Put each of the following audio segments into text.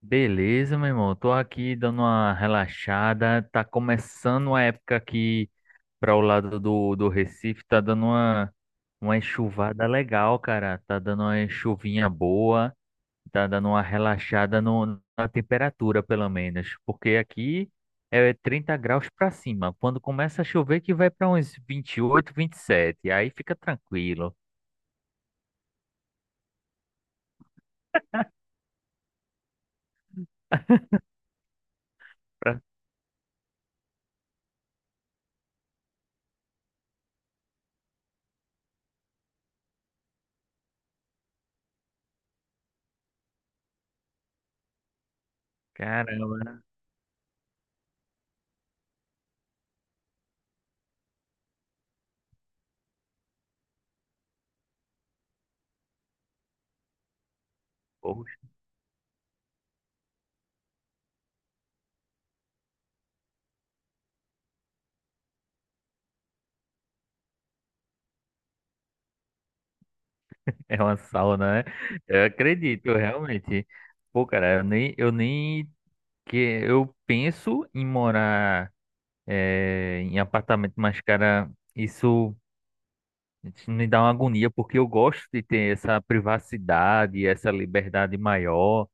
Beleza, meu irmão. Tô aqui dando uma relaxada. Tá começando a época aqui para o lado do Recife. Tá dando uma enxuvada legal, cara. Tá dando uma chuvinha boa. Tá dando uma relaxada no, na temperatura, pelo menos. Porque aqui é 30 graus pra cima. Quando começa a chover, que vai pra uns vinte e oito, 27. Aí fica tranquilo. Pra caramba. É uma sauna, né? Eu acredito, eu realmente. Pô, cara, eu nem que eu penso em morar em apartamento, mas, cara, isso me dá uma agonia, porque eu gosto de ter essa privacidade, essa liberdade maior,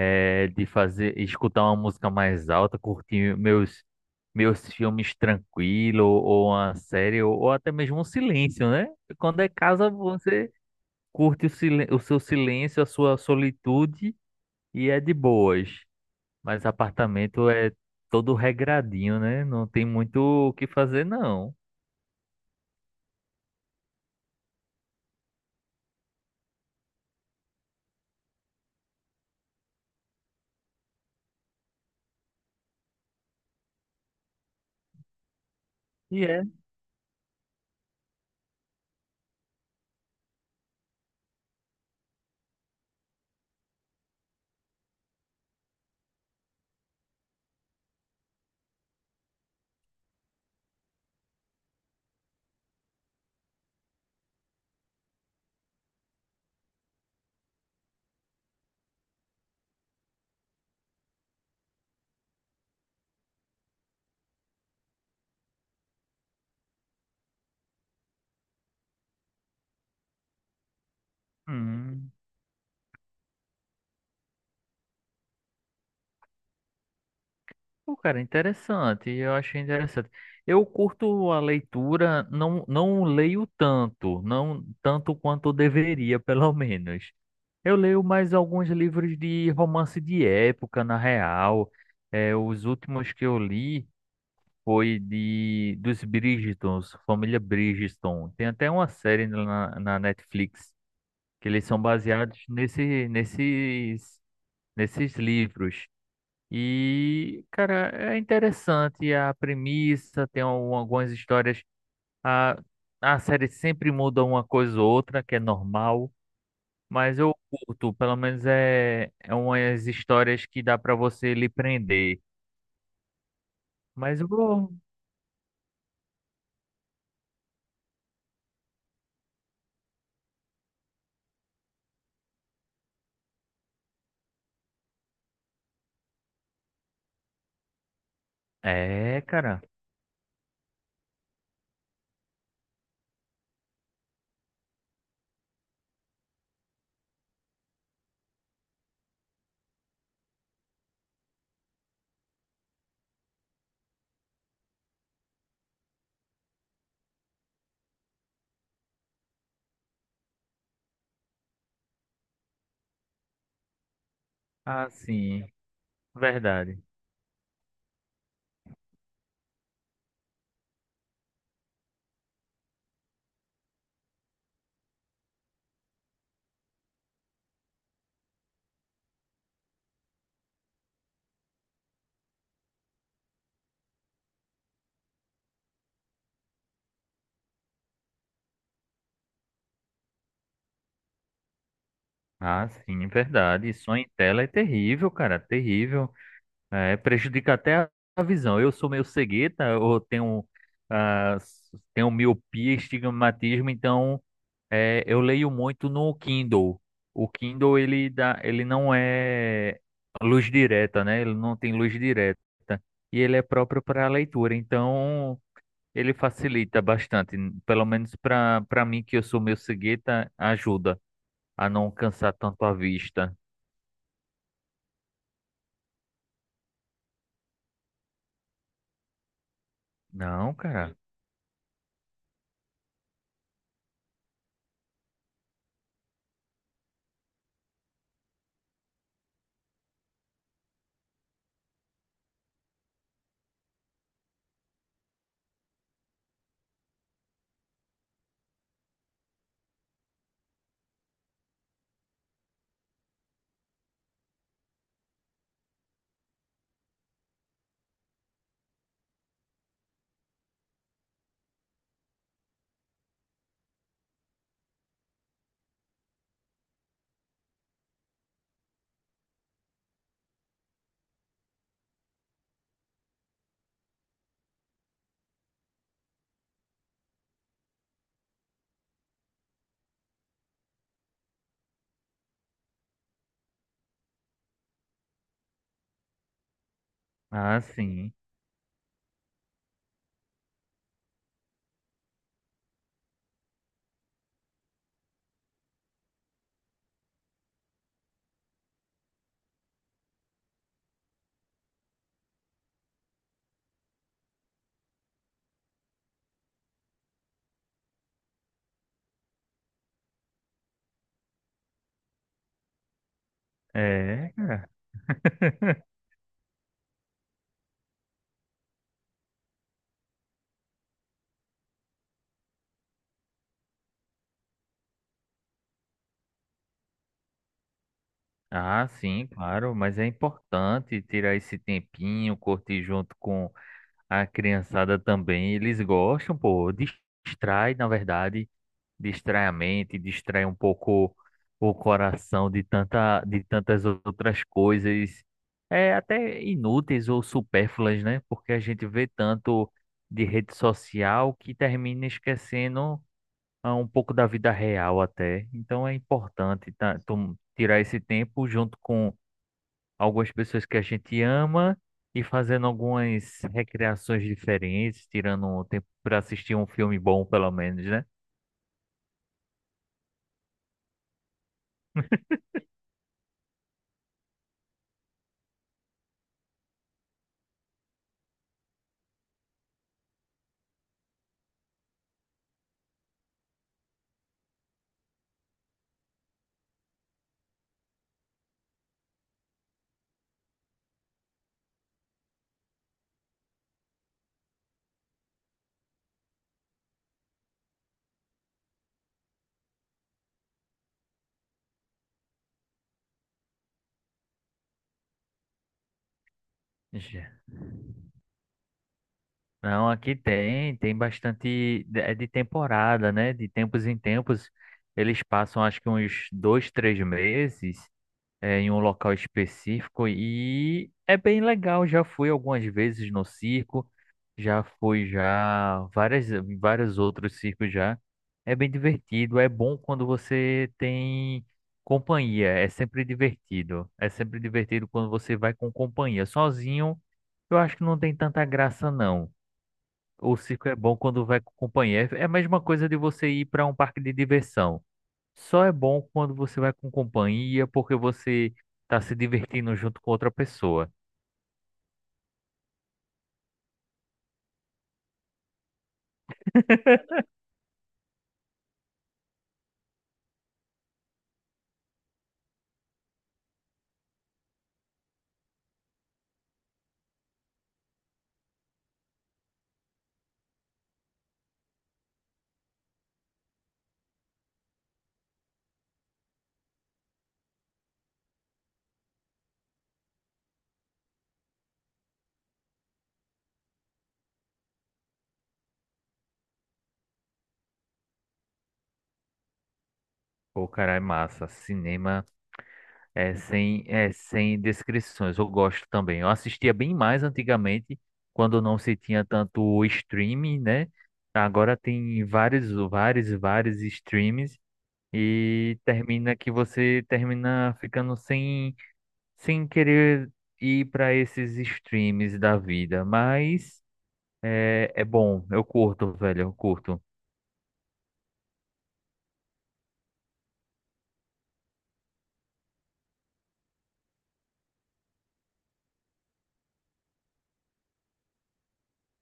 de fazer, escutar uma música mais alta, curtir meus filmes tranquilo, ou uma série, ou até mesmo um silêncio, né? Quando é casa, você curte o seu silêncio, a sua solitude e é de boas. Mas apartamento é todo regradinho, né? Não tem muito o que fazer, não. E é. Hum. Pô, cara, interessante. Eu achei interessante. Eu curto a leitura, não, não leio tanto, não tanto quanto eu deveria, pelo menos. Eu leio mais alguns livros de romance de época, na real. É, os últimos que eu li foi de dos Bridgertons, família Bridgerton. Tem até uma série na Netflix que eles são baseados nesses livros. E, cara, é interessante a premissa, tem algumas histórias. A, a série sempre muda uma coisa ou outra, que é normal, mas eu curto, pelo menos é umas histórias que dá pra você lhe prender. Mas eu vou. É, cara, assim, verdade. Ah, sim, verdade. Sonho em tela é terrível, cara, terrível. É, prejudica até a visão. Eu sou meio cegueta, eu tenho, ah, tenho miopia, estigmatismo, então é, eu leio muito no Kindle. O Kindle, ele dá, ele não é luz direta, né? Ele não tem luz direta. E ele é próprio para leitura, então ele facilita bastante. Pelo menos para mim, que eu sou meio cegueta, ajuda a não cansar tanto a vista. Não, cara. Ah, sim. É. Ah, sim, claro. Mas é importante tirar esse tempinho, curtir junto com a criançada também. Eles gostam, pô. Distrai, na verdade. Distrai a mente, distrai um pouco o coração de tantas outras coisas. É até inúteis ou supérfluas, né? Porque a gente vê tanto de rede social que termina esquecendo a um pouco da vida real até. Então é importante tá, tirar esse tempo junto com algumas pessoas que a gente ama e fazendo algumas recreações diferentes, tirando um tempo para assistir um filme bom, pelo menos, né? Já- Não, aqui tem bastante, é de temporada, né? De tempos em tempos, eles passam acho que uns 2, 3 meses é, em um local específico e é bem legal. Já fui algumas vezes no circo, já fui já várias vários outros circos já. É bem divertido, é bom quando você tem companhia, é sempre divertido. É sempre divertido quando você vai com companhia. Sozinho, eu acho que não tem tanta graça não. O circo é bom quando vai com companhia. É a mesma coisa de você ir para um parque de diversão. Só é bom quando você vai com companhia, porque você tá se divertindo junto com outra pessoa. Pô, cara, é massa. Cinema é sem descrições. Eu gosto também. Eu assistia bem mais antigamente, quando não se tinha tanto streaming, né? Agora tem vários, vários, vários streams e termina que você termina ficando sem, querer ir para esses streams da vida. Mas. É, é bom, eu curto, velho, eu curto.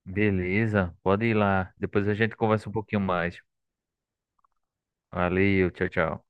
Beleza, pode ir lá. Depois a gente conversa um pouquinho mais. Valeu, tchau, tchau.